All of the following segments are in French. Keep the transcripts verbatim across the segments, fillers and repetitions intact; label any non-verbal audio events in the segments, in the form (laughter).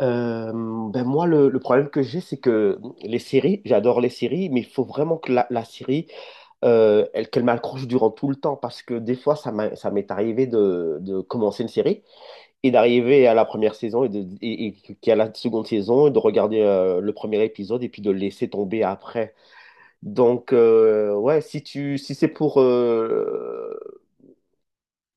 Euh, ben moi, le, le problème que j'ai, c'est que les séries, j'adore les séries, mais il faut vraiment que la, la série, euh, elle, qu'elle m'accroche durant tout le temps, parce que des fois, ça m'a- ça m'est arrivé de, de commencer une série et d'arriver à la première saison et, de, et, et qu'il y a la seconde saison et de regarder euh, le premier épisode et puis de le laisser tomber après. Donc, euh, ouais, si tu, si c'est pour euh,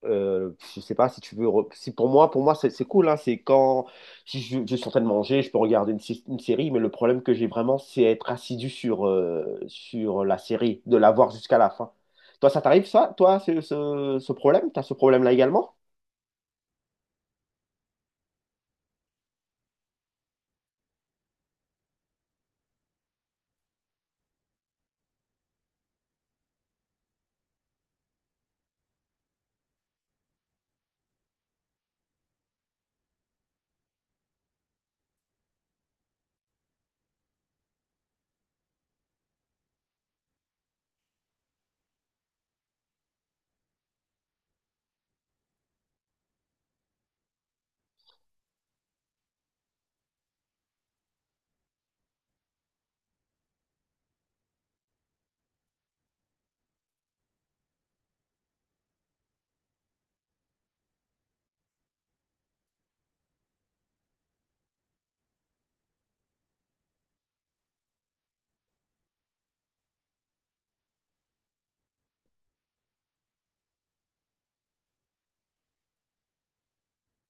euh, je sais pas si tu veux. re- Si pour moi, pour moi, c'est c'est cool, hein. c'est quand Si je, je suis en train de manger, je peux regarder une, sé- une série. Mais le problème que j'ai vraiment, c'est être assidu sur euh, sur la série, de la voir jusqu'à la fin. Toi, ça t'arrive ça? Toi, c'est ce, ce problème? T'as ce problème-là également?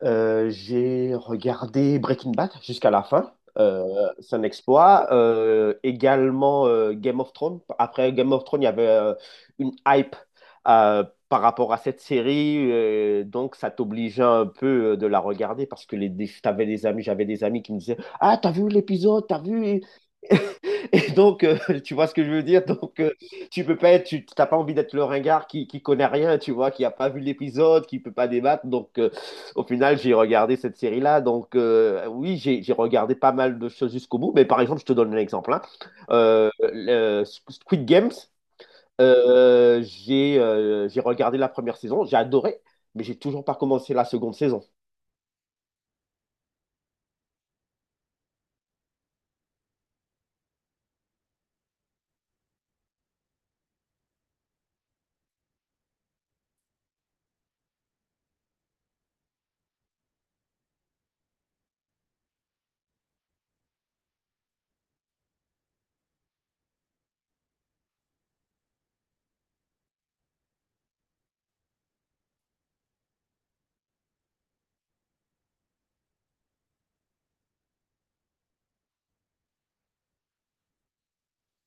Euh, j'ai regardé Breaking Bad jusqu'à la fin. Euh, c'est un exploit. Euh, également euh, Game of Thrones. Après Game of Thrones, il y avait euh, une hype euh, par rapport à cette série. Euh, donc, ça t'obligeait un peu euh, de la regarder parce que les, des- t'avais des amis, j'avais des amis qui me disaient, "Ah, t'as vu l'épisode, t'as vu." Et donc, euh, (laughs) tu vois ce que je veux dire? Donc, euh, tu peux pas être, tu t'as pas envie d'être le ringard qui, qui connaît rien, tu vois, qui a pas vu l'épisode, qui peut pas débattre. Donc, euh, au final, j'ai regardé cette série-là. Donc, euh, oui, j'ai j'ai regardé pas mal de choses jusqu'au bout. Mais par exemple, je te donne un exemple, hein. Euh, le Squid Games, euh, j'ai euh, j'ai regardé la première saison, j'ai adoré, mais j'ai toujours pas commencé la seconde saison.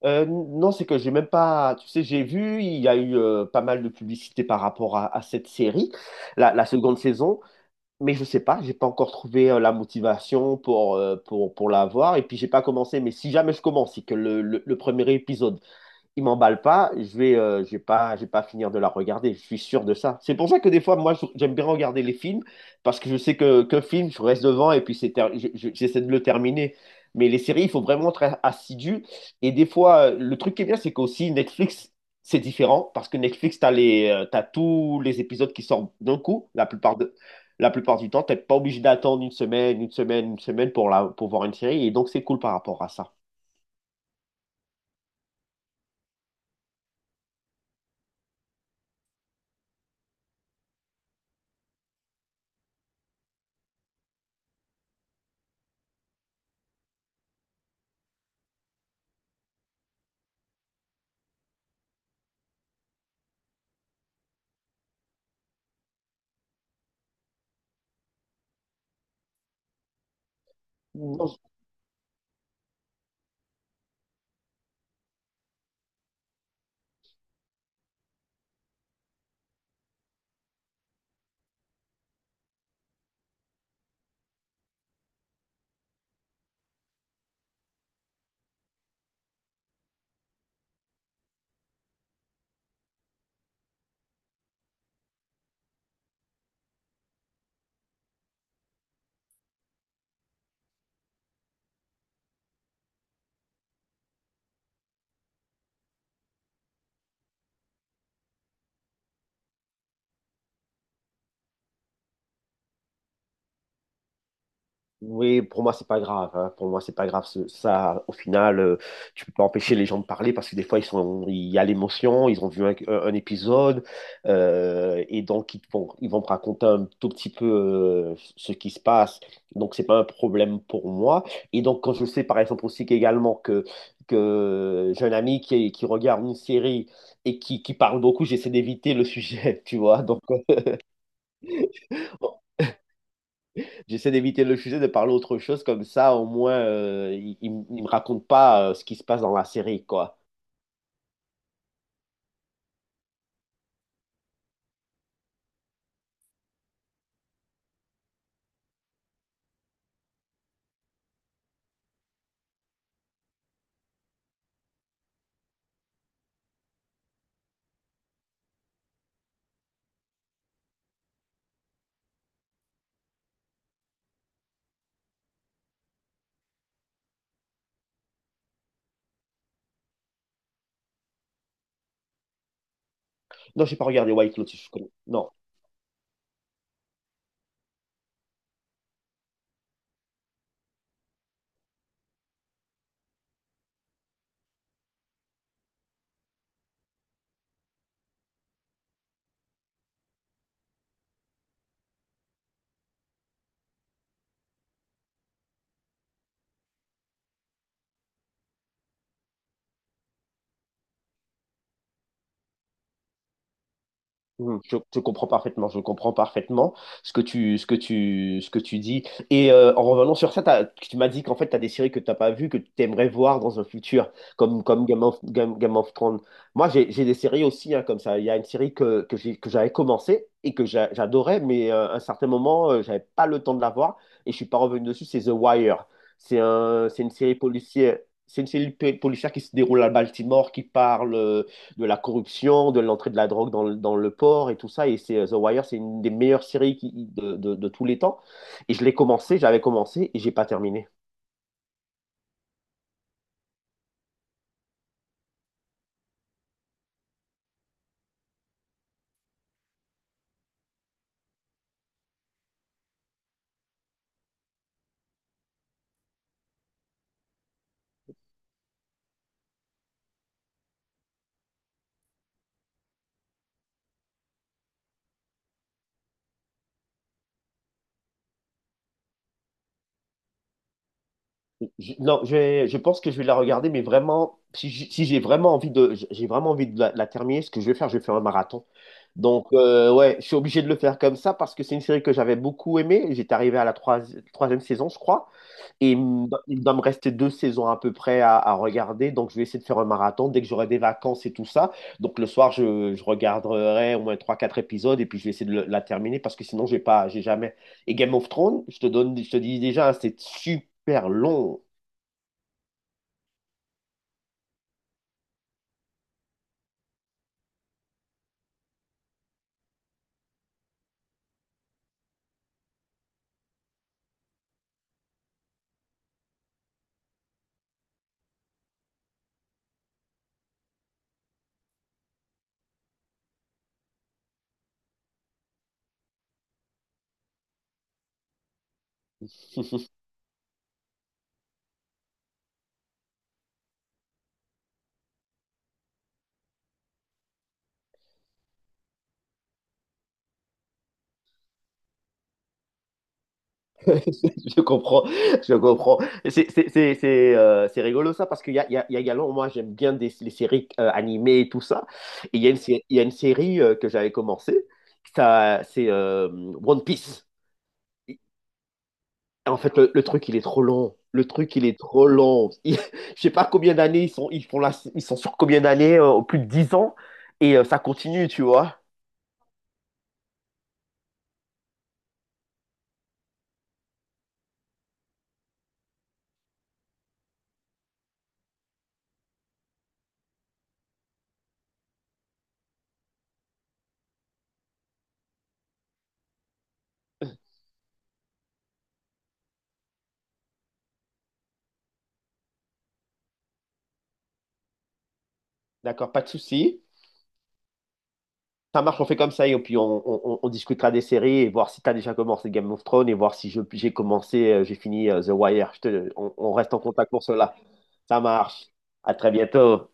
Euh, non, c'est que j'ai même pas. Tu sais, j'ai vu, il y a eu euh, pas mal de publicité par rapport à, à cette série, la, la seconde saison, mais je sais pas, j'ai pas encore trouvé euh, la motivation pour, euh, pour, pour la voir, et puis j'ai pas commencé. Mais si jamais je commence, c'est que le, le, le premier épisode, il m'emballe pas, je vais, euh, je vais pas, je vais pas finir de la regarder. Je suis sûr de ça. C'est pour ça que des fois, moi, je- j'aime bien regarder les films parce que je sais que qu'un film, je reste devant et puis c'est ter- je- je- j'essaie de le terminer. Mais les séries, il faut vraiment être assidu. Et des fois, euh, le truc qui est bien, c'est qu'aussi Netflix, c'est différent parce que Netflix, t'as les, euh, t'as tous les épisodes qui sortent d'un coup. La plupart de, la plupart du temps, t'es pas obligé d'attendre une semaine, une semaine, une semaine pour la, pour voir une série. Et donc, c'est cool par rapport à ça. Non. Oui, pour moi, c'est pas grave, hein. Pour moi, c'est pas grave. Ce- Ça, au final, euh, tu peux pas empêcher les gens de parler parce que des fois, ils sont, il y a l'émotion, ils ont vu un, un épisode euh, et donc ils vont, ils vont me raconter un tout petit peu euh, ce qui se passe. Donc, c'est pas un problème pour moi. Et donc, quand je sais, par exemple, aussi qu'également que, que j'ai un ami qui, qui regarde une série et qui, qui parle beaucoup, j'essaie d'éviter le sujet, (laughs) tu vois. Donc, j'essaie d'éviter le sujet, de parler autre chose, comme ça au moins euh, il, il m- il me raconte pas euh, ce qui se passe dans la série, quoi. Non, j'ai pas regardé White Lotus. Je connais. Non. Mhm. Je, je comprends parfaitement, je comprends parfaitement ce que tu, ce que tu, ce que tu dis. Et euh, en revenant sur ça, t'as- tu m'as dit qu'en fait, tu as des séries que tu n'as pas vues, que tu aimerais voir dans un futur, comme, comme Game of, Game, Game of Thrones. Moi, j'ai j'ai des séries aussi, hein, comme ça. Il y a une série que, que j'ai- que j'avais commencé et que j'a- j'adorais, mais euh, à un certain moment, euh, j'avais pas le temps de la voir et je suis pas revenu dessus, c'est The Wire. C'est un, c'est une série policière. C'est une série policière qui se déroule à Baltimore, qui parle, euh, de la corruption, de l'entrée de la drogue dans le, dans le port et tout ça. Et c'est euh, The Wire, c'est une des meilleures séries qui- de, de- de tous les temps. Et je l'ai commencé, j'avais commencé et j'ai pas terminé. Je- non, je, vais- je pense que je vais la regarder, mais vraiment, si, j- si j'ai vraiment envie de, j'ai vraiment envie de la, la terminer, ce que je vais faire, je vais faire un marathon. Donc euh, ouais, je suis obligé de le faire comme ça parce que c'est une série que j'avais beaucoup aimée. J'étais arrivé à la troisi- troisième saison, je crois. Et il me do- il doit me rester deux saisons à peu près à, à regarder. Donc, je vais essayer de faire un marathon dès que j'aurai des vacances et tout ça. Donc, le soir, je, je regarderai au moins trois quatre épisodes et puis je vais essayer de le- la terminer parce que sinon, j'ai pas, j'ai jamais. Et Game of Thrones, je te donne, je te dis déjà, hein, c'est super long. (laughs) Je comprends, je comprends. C'est c'est- c'est- c'est, euh, c'est rigolo ça parce qu'il y a, il y a, il y a également, moi j'aime bien des, les séries euh, animées et tout ça. Et il y a une, sé- il y a une série euh, que j'avais commencé, ça, c'est euh, One Piece. En fait, le, le truc, il est trop long. Le truc, il est trop long. Il- (laughs) je sais pas combien d'années ils sont, ils font là. Ils sont sur combien d'années, euh, plus de dix ans, et euh, ça continue, tu vois. D'accord, pas de souci. Ça marche, on fait comme ça, et puis on, on- on- on discutera des séries et voir si tu as déjà commencé Game of Thrones et voir si je- j'ai commencé, euh, j'ai fini euh, The Wire. Je te- on on reste en contact pour cela. Ça marche. À très bientôt.